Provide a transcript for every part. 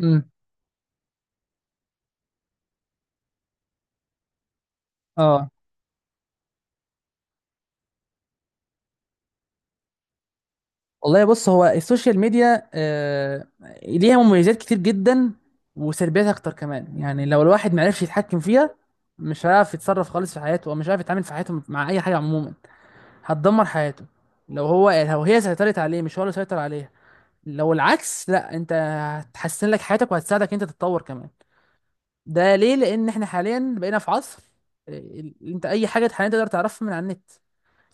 امم. اه، والله بص، هو السوشيال ميديا ليها مميزات كتير جدا وسلبيات اكتر كمان. يعني لو الواحد معرفش يتحكم فيها، مش هيعرف يتصرف خالص في حياته، ومش هيعرف يتعامل في حياته مع اي حاجه عموما، هتدمر حياته. لو هي سيطرت عليه مش هو اللي سيطر عليها. لو العكس، لا، انت هتحسن لك حياتك وهتساعدك انت تتطور كمان. ده ليه؟ لان احنا حاليا بقينا في عصر، انت اي حاجه حاليا تقدر تعرفها من على النت،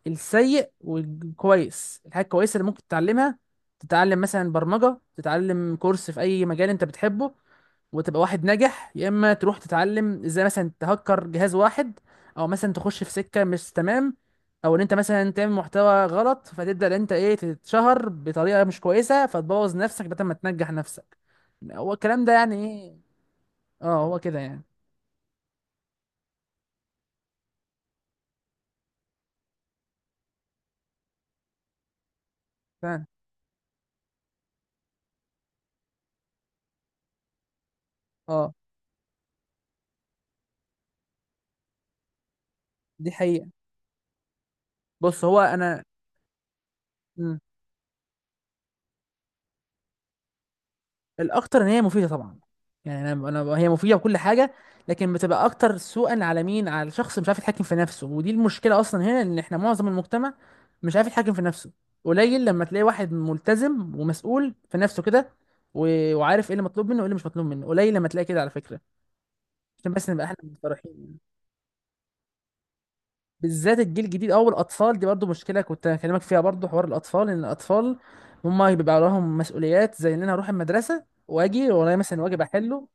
السيء والكويس. الحاجة الكويسة اللي ممكن تتعلمها، تتعلم مثلا برمجة، تتعلم كورس في أي مجال أنت بتحبه وتبقى واحد ناجح، يا إما تروح تتعلم إزاي مثلا تهكر جهاز واحد، أو مثلا تخش في سكة مش تمام، أو إن أنت مثلا تعمل محتوى غلط فتبدأ إن أنت تتشهر بطريقة مش كويسة فتبوظ نفسك بدل ما تنجح نفسك. هو الكلام ده يعني إيه؟ أه، هو كده يعني. فعلا. أه، دي حقيقة. بص هو أنا، الاكتر ان هي مفيده طبعا. يعني انا هي مفيده بكل حاجه، لكن بتبقى اكتر سوءا على مين؟ على شخص مش عارف يتحكم في نفسه، ودي المشكله اصلا هنا، ان احنا معظم المجتمع مش عارف يتحكم في نفسه. قليل لما تلاقي واحد ملتزم ومسؤول في نفسه كده، وعارف ايه اللي مطلوب منه وايه اللي مش مطلوب منه. قليل لما تلاقي كده على فكره. عشان بس نبقى احنا مصرحين يعني. بالذات الجيل الجديد او الاطفال، دي برضو مشكله كنت هكلمك فيها برضو، حوار الاطفال، ان الاطفال هم بيبقى لهم مسؤوليات، زي ان انا اروح المدرسه واجي ورايا مثلا واجب احله،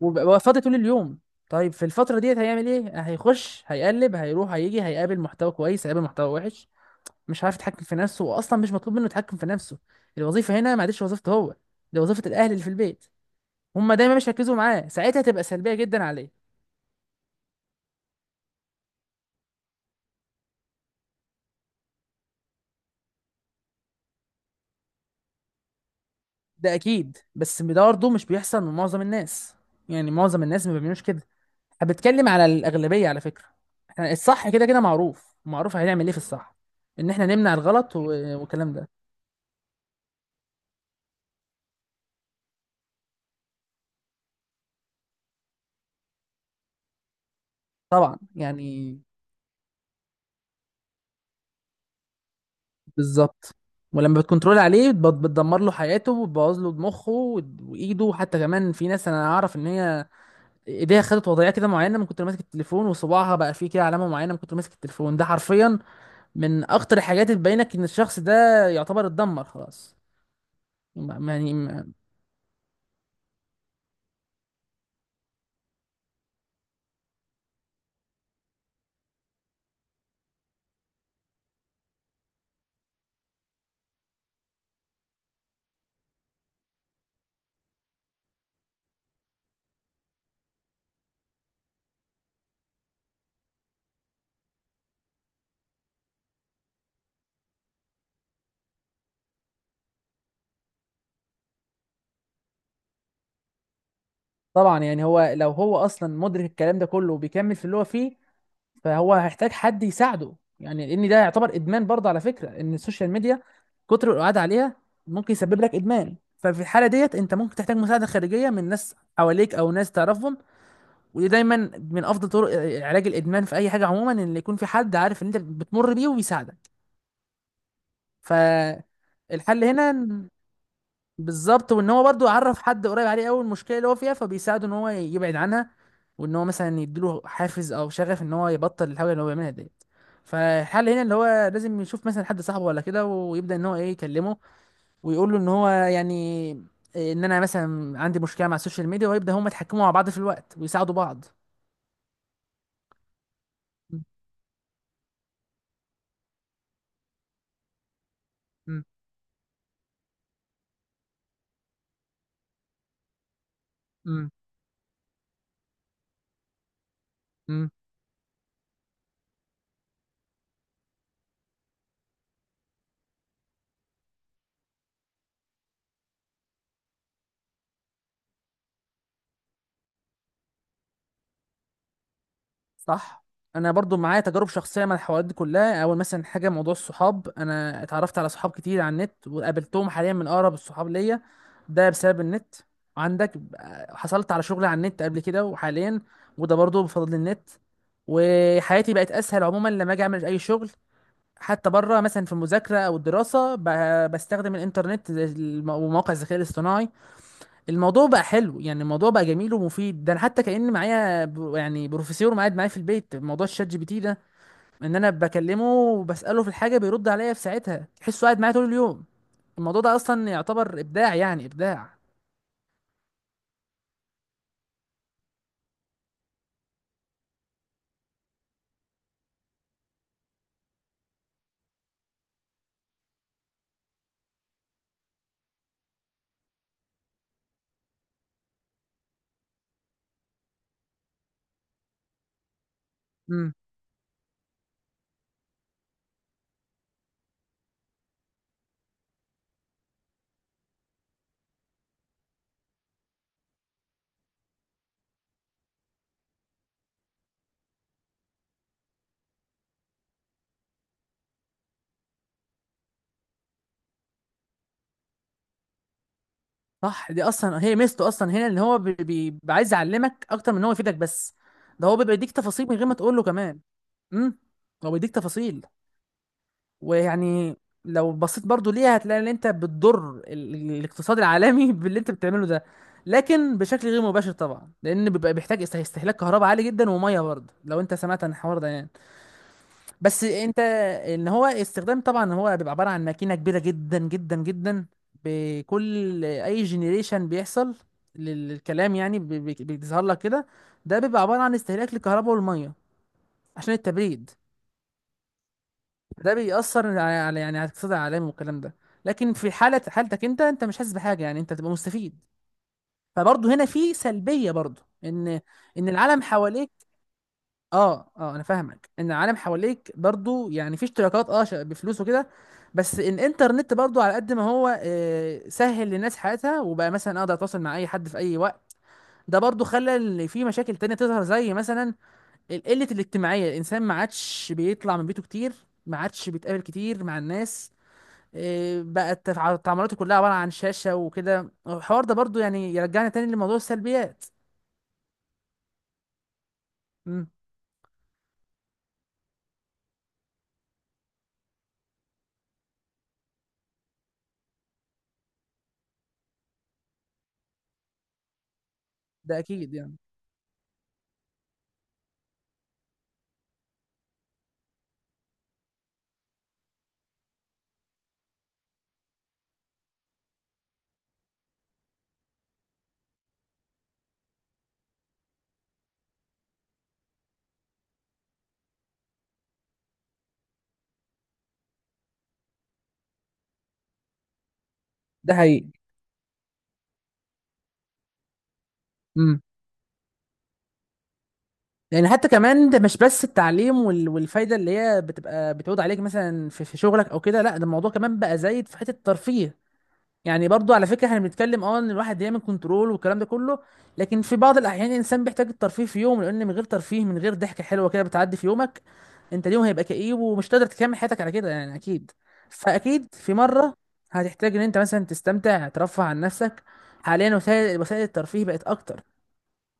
وفاضي طول اليوم. طيب في الفترة ديت هيعمل ايه؟ هيخش هيقلب، هيروح هيجي، هيقابل محتوى كويس هيقابل محتوى وحش، مش عارف يتحكم في نفسه واصلا مش مطلوب منه يتحكم في نفسه. الوظيفة هنا ما عادش وظيفته هو، دي وظيفة الاهل اللي في البيت. هما دايما مش هيركزوا معاه، ساعتها تبقى سلبية جدا عليه. ده اكيد، بس ده برضه مش بيحصل من معظم الناس. يعني معظم الناس ما بيعملوش كده. انا بتكلم على الاغلبية على فكرة. احنا الصح كده كده معروف معروف، هنعمل ايه في الصح؟ ان احنا نمنع الغلط والكلام ده. طبعا يعني. بالظبط. ولما بتكنترول عليه، بتدمر له حياته وتبوظ له مخه، وايده حتى كمان. في ناس انا اعرف ان هي ايديها خدت وضعيه كده معينه من كتر ماسك التليفون، وصباعها بقى فيه كده علامه معينه من كتر ماسك التليفون. ده حرفيا من اخطر الحاجات اللي تبينك ان الشخص ده يعتبر اتدمر خلاص. ما- ما- يعني ما- طبعا يعني. هو لو هو اصلا مدرك الكلام ده كله وبيكمل في اللي هو فيه، فهو هيحتاج حد يساعده. يعني لان ده يعتبر ادمان برضه على فكره، ان السوشيال ميديا كتر القعاد عليها ممكن يسبب لك ادمان. ففي الحاله ديت انت ممكن تحتاج مساعده خارجيه من ناس حواليك او ناس تعرفهم. ودي دايما من افضل طرق علاج الادمان في اي حاجه عموما، ان يكون في حد عارف ان انت بتمر بيه ويساعدك. فالحل هنا بالظبط، وان هو برضو عرف حد قريب عليه قوي المشكله اللي هو فيها، فبيساعده ان هو يبعد عنها، وان هو مثلا يديله حافز او شغف ان هو يبطل الحاجه اللي هو بيعملها ديت. فالحل هنا اللي هو لازم يشوف مثلا حد صاحبه ولا كده، ويبدا ان هو يكلمه ويقول له ان هو يعني ان انا مثلا عندي مشكله مع السوشيال ميديا، ويبدا هم يتحكموا مع بعض في الوقت ويساعدوا بعض. م- م- م- صح. انا برضو معايا تجارب شخصيه مع الحوارات دي كلها. اول مثلا حاجه، موضوع الصحاب، انا اتعرفت على صحاب كتير على النت وقابلتهم، حاليا من اقرب الصحاب ليا، ده بسبب النت. عندك، حصلت على شغل على النت قبل كده وحاليا، وده برضو بفضل النت. وحياتي بقت اسهل عموما لما اجي اعمل اي شغل، حتى بره مثلا في المذاكره او الدراسه بستخدم الانترنت، زي ومواقع الذكاء الاصطناعي. الموضوع بقى حلو يعني، الموضوع بقى جميل ومفيد. ده انا حتى كأن معايا يعني بروفيسور قاعد معايا في البيت، موضوع الشات جي بي تي ده، ان انا بكلمه وبسأله في الحاجة بيرد عليا في ساعتها، تحسه قاعد معايا طول اليوم. الموضوع ده اصلا يعتبر ابداع، يعني ابداع. امم. صح، دي اصلا هي ميزته اصلا هنا، ان هو بيبقى عايز يعلمك اكتر من ان هو يفيدك بس. ده هو بيبقى يديك تفاصيل من غير ما تقول له كمان. امم. هو بيديك تفاصيل ويعني، لو بصيت برضو ليها هتلاقي ان انت بتضر الاقتصاد العالمي باللي انت بتعمله ده، لكن بشكل غير مباشر طبعا، لان بيبقى بيحتاج استهلاك كهرباء عالي جدا وميه برضه، لو انت سمعت عن الحوار ده يعني. بس انت، ان هو استخدام، طبعا هو بيبقى عباره عن ماكينه كبيره جدا جدا جدا، بكل اي جنريشن بيحصل للكلام يعني، بيظهر لك كده. ده بيبقى عباره عن استهلاك للكهرباء والميه عشان التبريد. ده بيأثر على يعني على الاقتصاد العالمي والكلام ده. لكن في حالة حالتك انت، انت مش حاسس بحاجة يعني، انت بتبقى مستفيد. فبرضه هنا في سلبية برضه، ان ان العالم حواليك، اه اه انا فاهمك، ان العالم حواليك برضه يعني في اشتراكات، اه بفلوس وكده. بس الانترنت برضه على قد ما هو سهل للناس حياتها وبقى مثلا اقدر اتواصل مع اي حد في اي وقت، ده برضه خلى إن في مشاكل تانية تظهر، زي مثلا القلة الاجتماعية، الانسان ما عادش بيطلع من بيته كتير، ما عادش بيتقابل كتير مع الناس. بقت تعاملاته كلها عبارة عن شاشة وكده. الحوار ده برضو يعني يرجعنا تاني لموضوع السلبيات. امم. ده أكيد يعني. ده حقيقي. امم. يعني حتى كمان ده مش بس التعليم والفايدة اللي هي بتبقى بتعود عليك، مثلا في شغلك أو كده، لا، ده الموضوع كمان بقى زايد في حتة الترفيه. يعني برضو على فكرة احنا بنتكلم اه ان الواحد يعمل كنترول والكلام ده كله، لكن في بعض الأحيان الإنسان بيحتاج الترفيه في يوم، لأن من غير ترفيه من غير ضحكة حلوة كده بتعدي في يومك، انت اليوم هيبقى كئيب ومش قادر تكمل حياتك على كده يعني، اكيد. فاكيد في مره هتحتاج ان انت مثلا تستمتع، ترفه عن نفسك. حاليا وسائل الترفيه بقت اكتر.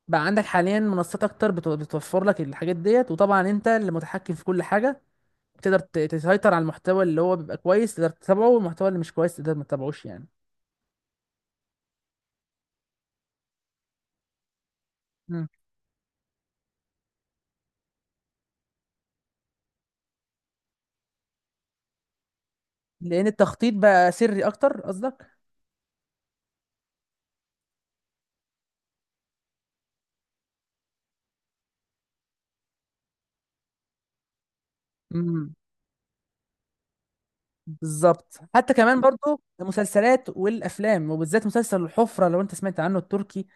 بقى عندك حاليا منصات اكتر بتوفر لك الحاجات ديت، وطبعا انت اللي متحكم في كل حاجه، تقدر تسيطر على المحتوى اللي هو بيبقى كويس تقدر تتابعه، والمحتوى اللي مش كويس تقدر ما تتابعوش يعني. مم. لان التخطيط بقى سري اكتر قصدك. امم. بالظبط. حتى كمان برضو المسلسلات والافلام، وبالذات مسلسل الحفره لو انت سمعت عنه، التركي.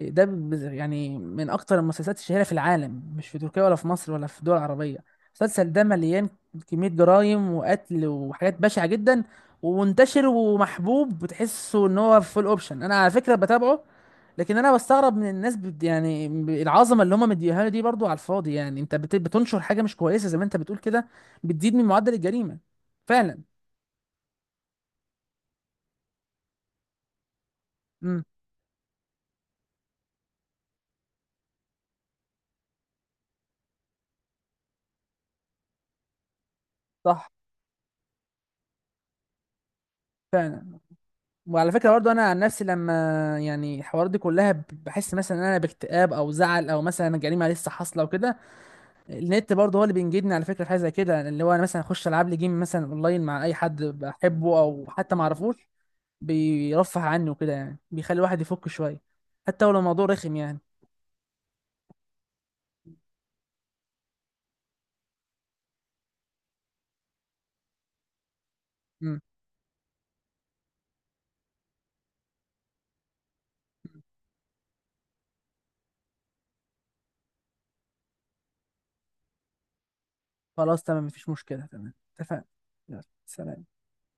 ده يعني من اكتر المسلسلات الشهيره في العالم، مش في تركيا ولا في مصر ولا في دول عربيه. المسلسل ده مليان كميه جرائم وقتل وحاجات بشعه جدا، ومنتشر ومحبوب، بتحسه ان هو فول اوبشن. انا على فكره بتابعه، لكن انا بستغرب من الناس يعني العظمه اللي هم مديها له دي برضو على الفاضي. يعني انت بتنشر حاجه مش كويسه زي ما انت بتقول كده، بتزيد من معدل الجريمه. فعلا. امم. صح. فعلا. وعلى فكرة برضو، أنا عن نفسي لما يعني الحوارات دي كلها بحس مثلا إن أنا باكتئاب أو زعل، أو مثلا جريمة لسه حاصلة وكده، النت برضو هو اللي بينجدني على فكرة في حاجة زي كده، اللي هو أنا مثلا أخش ألعب لي جيم مثلا أونلاين مع أي حد بحبه أو حتى معرفوش، بيرفه عني وكده يعني، بيخلي الواحد يفك شوية، حتى ولو الموضوع رخم يعني. مم. خلاص، تمام، مفيش مشكلة، تمام، اتفقنا. يلا، سلام.